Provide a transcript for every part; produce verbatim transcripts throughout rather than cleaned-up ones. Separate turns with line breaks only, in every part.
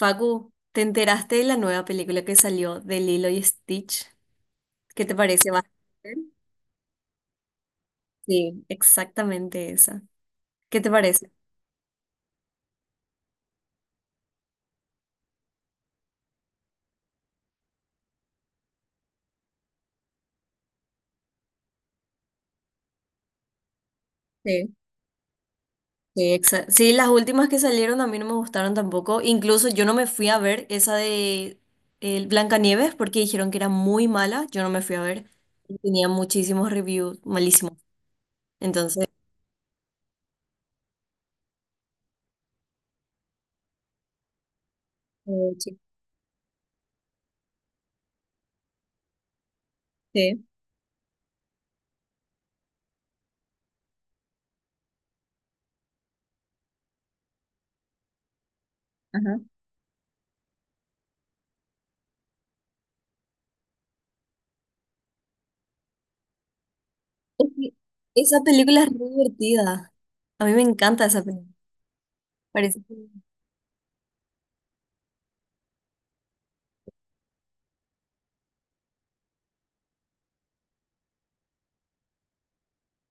Facu, ¿te enteraste de la nueva película que salió de Lilo y Stitch? ¿Qué te parece? ¿Vas a ver? Sí, exactamente esa. ¿Qué te parece? Sí. Sí, exa- sí, las últimas que salieron a mí no me gustaron tampoco. Incluso yo no me fui a ver esa de el Blancanieves porque dijeron que era muy mala. Yo no me fui a ver. Y tenía muchísimos reviews malísimos. Entonces, eh, sí. Sí, ajá. Es que Esa película es muy divertida. A mí me encanta esa película. Parece que...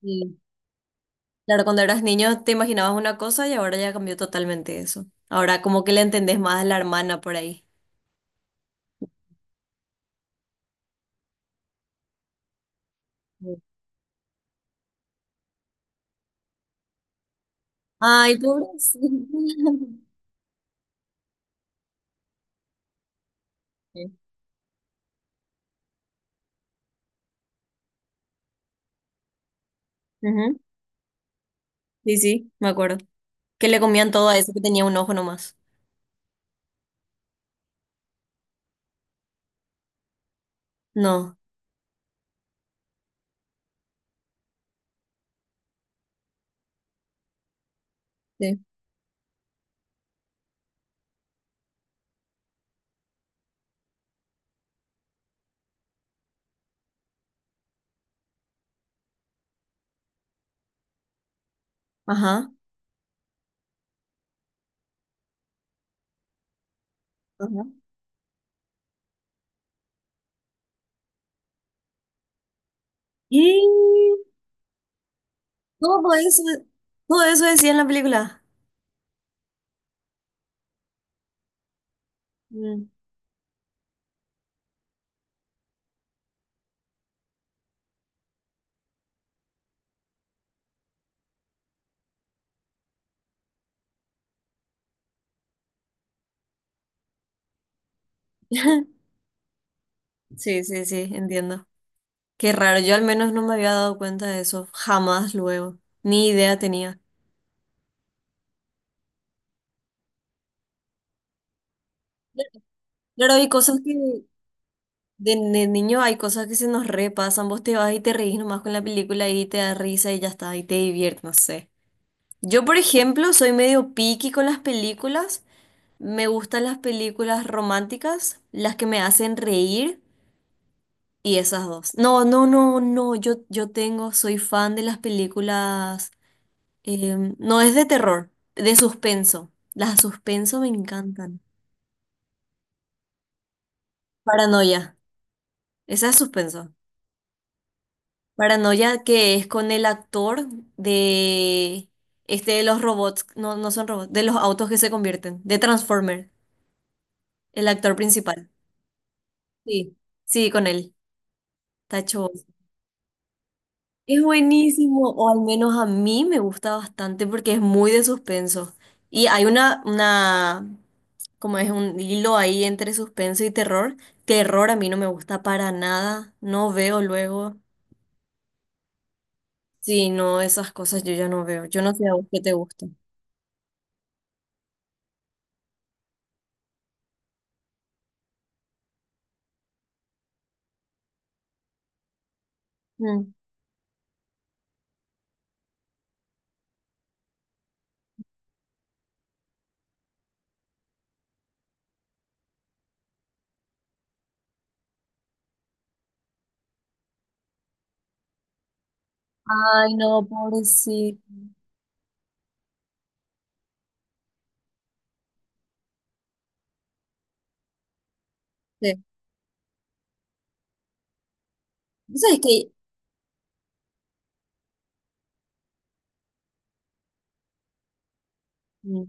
sí. Claro, cuando eras niño te imaginabas una cosa y ahora ya cambió totalmente eso. Ahora como que le entendés más a la hermana por ahí. Sí. Ay, pobrecita. Sí. Ujú. Sí, sí, me acuerdo. Que le comían todo a eso que tenía un ojo nomás. No. Sí. Ajá. Ajá. Y todo eso, todo eso decía en la película. Mm. Sí, sí, sí, entiendo. Qué raro, yo al menos no me había dado cuenta de eso, jamás luego, ni idea tenía. Claro, hay cosas que, De, de niño hay cosas que se nos repasan, vos te vas y te reís nomás con la película y te da risa y ya está, y te diviertes, no sé. Yo, por ejemplo, soy medio picky con las películas, me gustan las películas románticas, las que me hacen reír y esas dos. No, no, no, no, yo, yo tengo, soy fan de las películas, em, no es de terror, de suspenso. Las de suspenso me encantan. Paranoia, esa es suspenso. Paranoia que es con el actor de este de los robots, no, no son robots, de los autos que se convierten, de Transformer, el actor principal. Sí, sí, con él, Tacho. Bos. Es buenísimo, o al menos a mí me gusta bastante porque es muy de suspenso. Y hay una, una, como es un hilo ahí entre suspenso y terror. Terror a mí no me gusta para nada, no veo luego. Sí, no, esas cosas yo ya no veo. Yo no sé a vos qué te gusta. Mm. Ay, no, pobrecito. ¿Vos sabés que mm,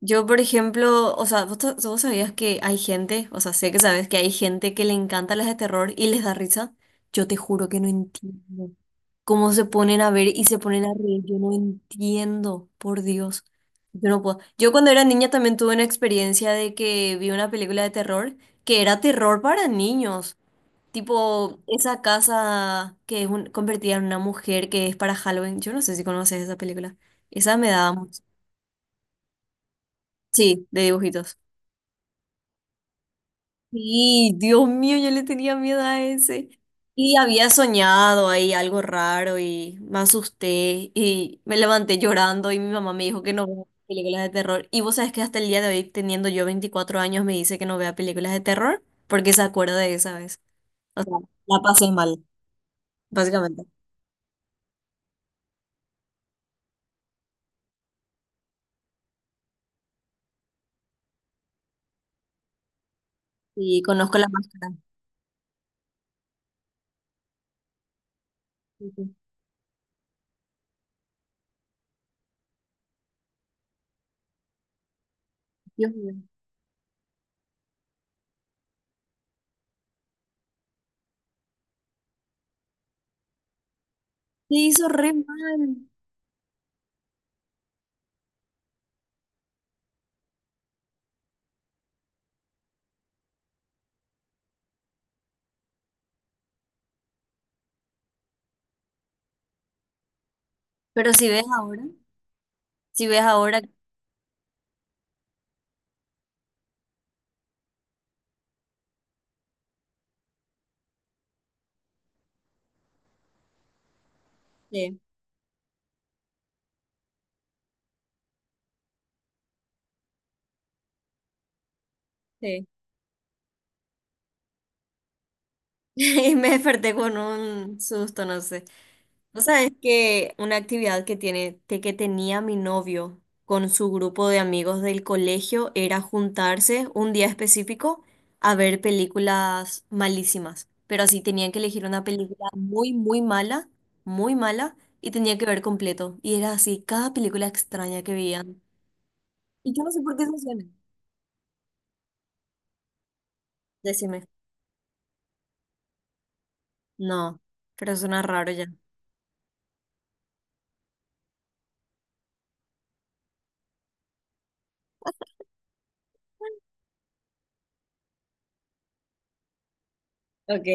yo, por ejemplo, o sea, vos, ta- vos sabías que hay gente, o sea, sé que sabes que hay gente que le encanta las de terror y les da risa? Yo te juro que no entiendo cómo se ponen a ver y se ponen a reír. Yo no entiendo, por Dios. Yo no puedo. Yo cuando era niña también tuve una experiencia de que vi una película de terror que era terror para niños. Tipo, esa casa que es un- convertida en una mujer que es para Halloween. Yo no sé si conoces esa película. Esa me daba mucho. Sí, de dibujitos. Sí, Dios mío, yo le tenía miedo a ese. Y había soñado ahí algo raro y me asusté y me levanté llorando y mi mamá me dijo que no vea películas de terror. Y vos sabés que hasta el día de hoy, teniendo yo veinticuatro años, me dice que no vea películas de terror porque se acuerda de esa vez. O sea, la pasé mal, básicamente. Y conozco la máscara. Sí, sí. Dios mío. Te hizo re mal. Pero si ves ahora, si ves ahora, sí, sí. Y me desperté con un susto, no sé. O sea, es que una actividad que tiene, te- que tenía mi novio con su grupo de amigos del colegio era juntarse un día específico a ver películas malísimas. Pero así tenían que elegir una película muy, muy mala, muy mala, y tenía que ver completo. Y era así, cada película extraña que veían. Y yo no sé por qué se hacían. Decime. No, pero suena raro ya. Ok,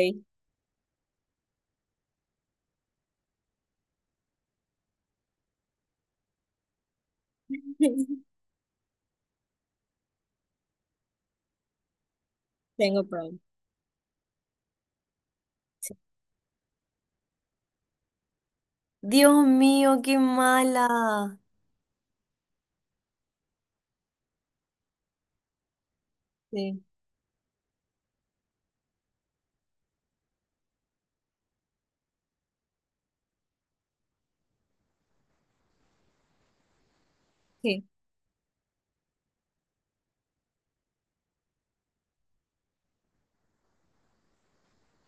tengo prom. Sí, Dios mío, qué mala. Sí, sí,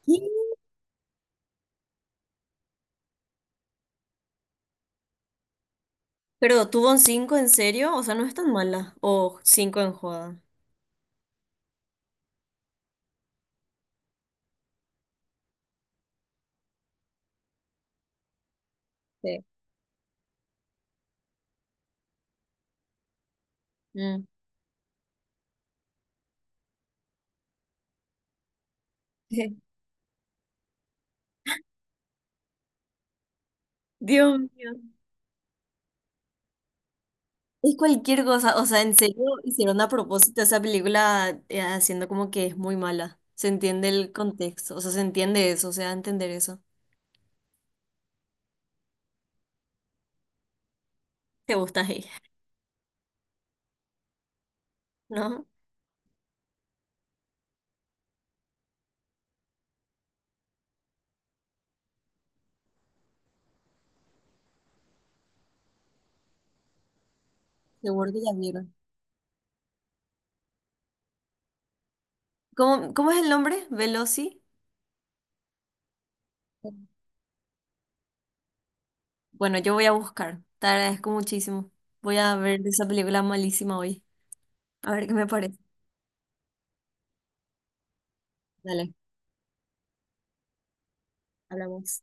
¿qué? Pero tuvo un cinco en serio, o sea, no es tan mala. O cinco en joda. Sí. Mm. Dios mío. Es cualquier cosa, o sea, en serio hicieron a propósito esa película eh, haciendo como que es muy mala. Se entiende el contexto, o sea, se entiende eso, o sea, entender eso. Te gusta ahí, ¿no? Seguro que ya vieron. ¿Cómo, cómo es el nombre? Veloci. Bueno, yo voy a buscar. Te agradezco muchísimo. Voy a ver esa película malísima hoy. A ver qué me parece. Dale, hablamos.